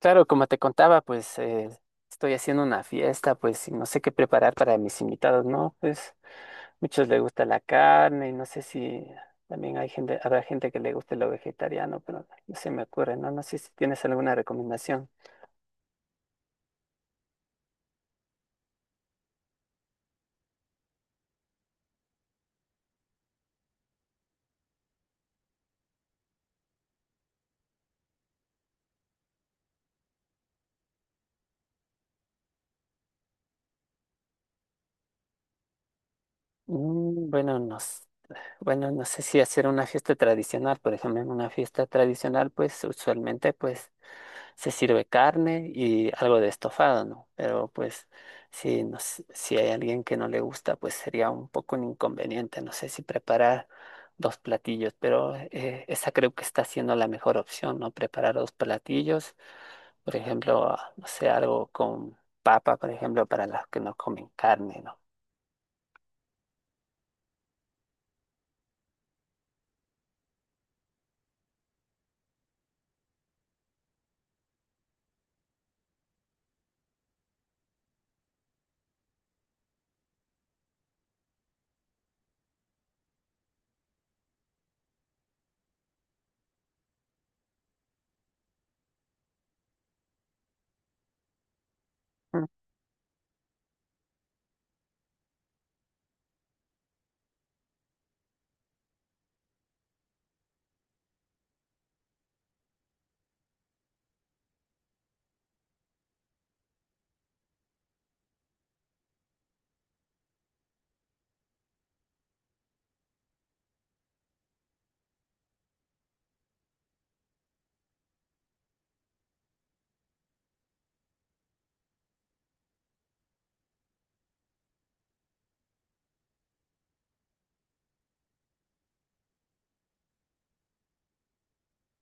Claro, como te contaba, pues estoy haciendo una fiesta, pues y no sé qué preparar para mis invitados, ¿no? Pues muchos les gusta la carne, y no sé si también hay gente, habrá gente que le guste lo vegetariano, pero no se me ocurre, ¿no? No sé si tienes alguna recomendación. Mm, bueno, no, bueno, no sé si hacer una fiesta tradicional. Por ejemplo, en una fiesta tradicional, pues usualmente, pues se sirve carne y algo de estofado, ¿no? Pero pues si, si hay alguien que no le gusta, pues sería un poco un inconveniente. No sé si preparar dos platillos, pero esa creo que está siendo la mejor opción, ¿no? Preparar dos platillos, por ejemplo, ah, no sé, algo con papa, por ejemplo, para los que no comen carne, ¿no?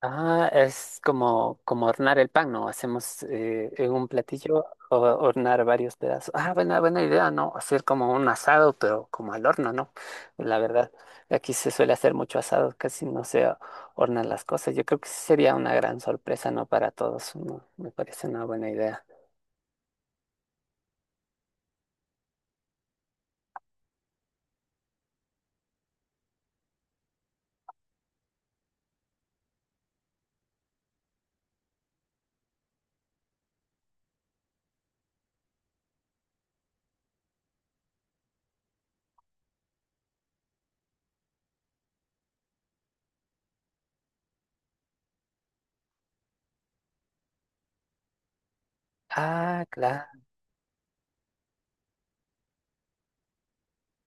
Ah, es como, como hornear el pan, ¿no? Hacemos en un platillo hornear varios pedazos. Ah, buena idea, ¿no? Hacer como un asado, pero como al horno, ¿no? La verdad, aquí se suele hacer mucho asado, casi no se hornan las cosas. Yo creo que sí sería una gran sorpresa, ¿no? Para todos, ¿no? Me parece una buena idea. Ah, claro.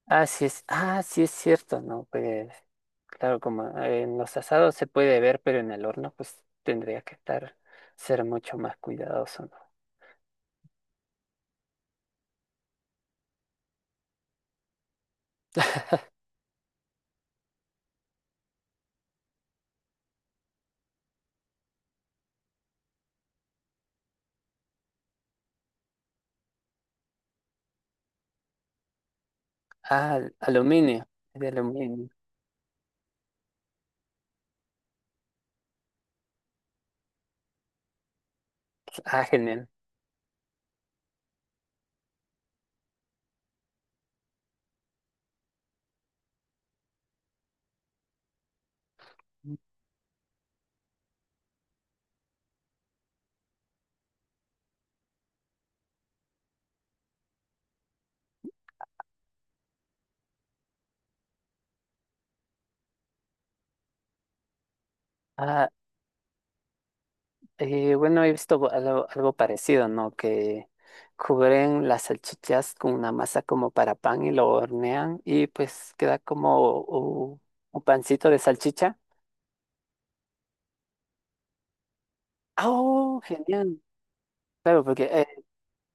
Ah, sí es cierto, ¿no? Pues, claro, como en los asados se puede ver, pero en el horno, pues ser mucho más cuidadoso, ¿no? Ah, aluminio, es de aluminio. Ah, genial. Ah, bueno, he visto algo, algo parecido, ¿no? Que cubren las salchichas con una masa como para pan y lo hornean y pues queda como un pancito de salchicha. Ah, ¡oh, genial! Claro, porque eh,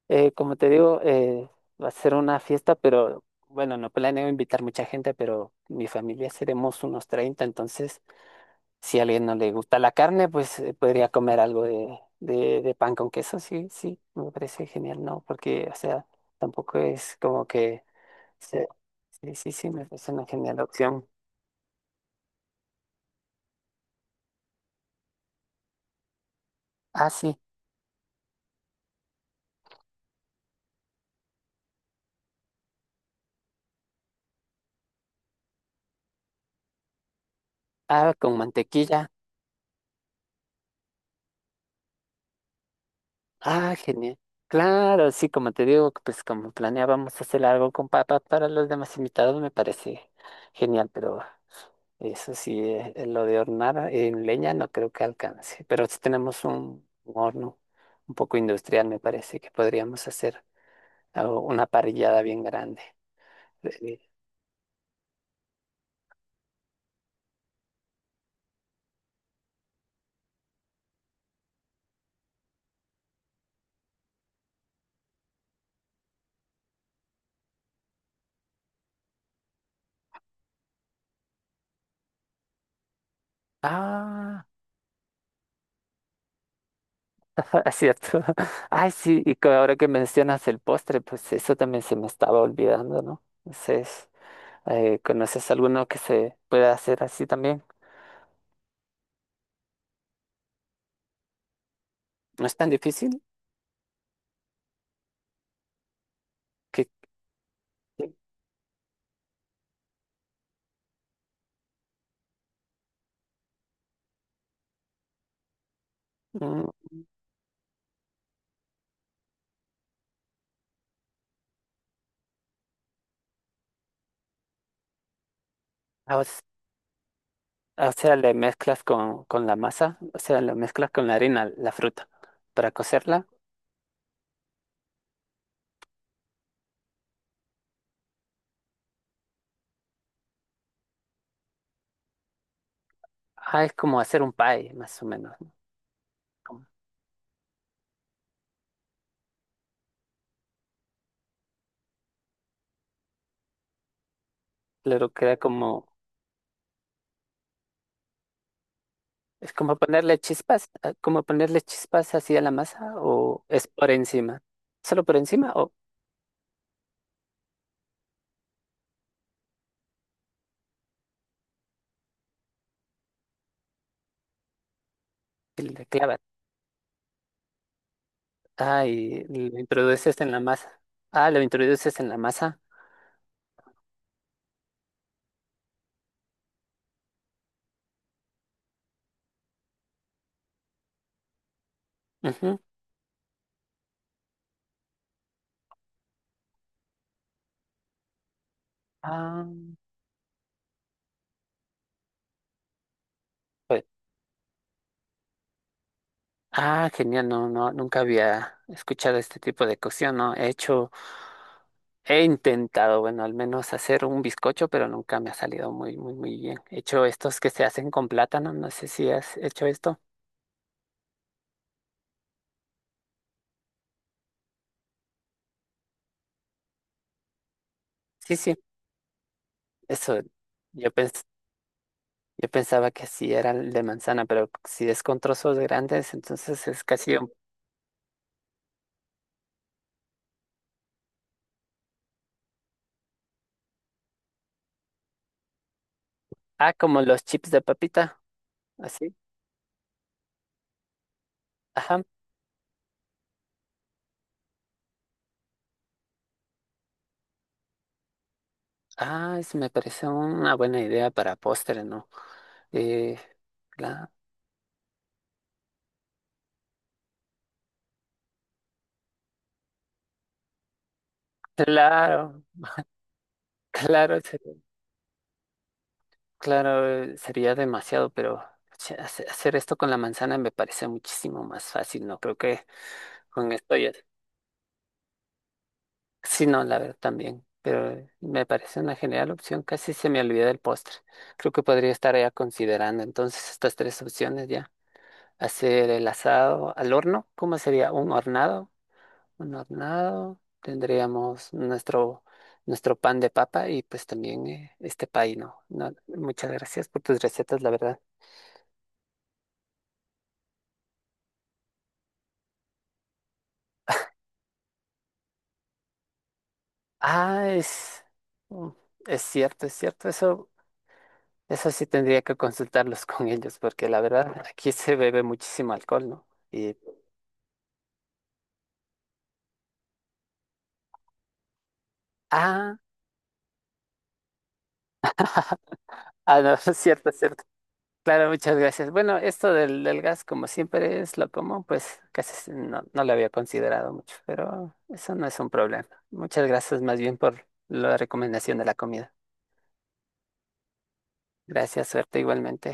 eh, como te digo, va a ser una fiesta, pero bueno, no planeo invitar mucha gente, pero mi familia seremos unos 30. Entonces si a alguien no le gusta la carne, pues podría comer algo de pan con queso. Sí, sí, me parece genial, ¿no? Porque, o sea, tampoco es como que... se- sí, sí, sí, me parece una genial opción. Ah, sí, ah, con mantequilla. Ah, genial. Claro, sí, como te digo, pues como planeábamos hacer algo con papá para los demás invitados, me parece genial. Pero eso sí, lo de hornar en leña no creo que alcance, pero si tenemos un horno un poco industrial, me parece que podríamos hacer una parrillada bien grande. Eh, Ah, es cierto. Ay, sí, y que ahora que mencionas el postre, pues eso también se me estaba olvidando, ¿no? ¿Conoces alguno que se pueda hacer así también? No es tan difícil que que, mm, a veces- o sea, le mezclas con la masa, o sea, le mezclas con la harina, la fruta, para cocerla. Ah, es como hacer un pie, más o menos, ¿no? Como- claro, es como ponerle chispas así a la masa, o es por encima. ¿Solo por encima o le clavas? Ah, y lo introduces en la masa. Ah, lo introduces en la masa. Ujú. Ah. Ah, genial, no, no, nunca había escuchado este tipo de cocción, ¿no? He hecho, he intentado, bueno, al menos hacer un bizcocho, pero nunca me ha salido muy bien. He hecho estos que se hacen con plátano, no sé si has hecho esto. Sí, sí, eso, yo pens- yo pensaba que sí era el de manzana, pero si es con trozos grandes, entonces es casi un... Ah, como los chips de papita, así. Ajá. Ah, eso me parece una buena idea para postre, ¿no? Eh, Claro, claro, sería- claro, sería demasiado, pero che, hacer esto con la manzana me parece muchísimo más fácil, no creo que con esto ya. Sí, no, la verdad también, pero me parece una genial opción, casi se me olvida el postre. Creo que podría estar ya considerando entonces estas tres opciones ya. Hacer el asado al horno, ¿cómo sería? ¿Un hornado? Un hornado, tendríamos nuestro pan de papa y pues también este pay, ¿no? No, muchas gracias por tus recetas, la verdad. Ah, es, mm, es cierto, eso sí tendría que consultarlos con ellos, porque la verdad aquí se bebe muchísimo alcohol, ¿no? Y, ah, ah, no, es cierto, es cierto. Claro, muchas gracias. Bueno, esto del, del gas, como siempre es lo común, pues no, no lo había considerado mucho, pero eso no es un problema. Muchas gracias más bien por la recomendación de la comida. Gracias, suerte igualmente.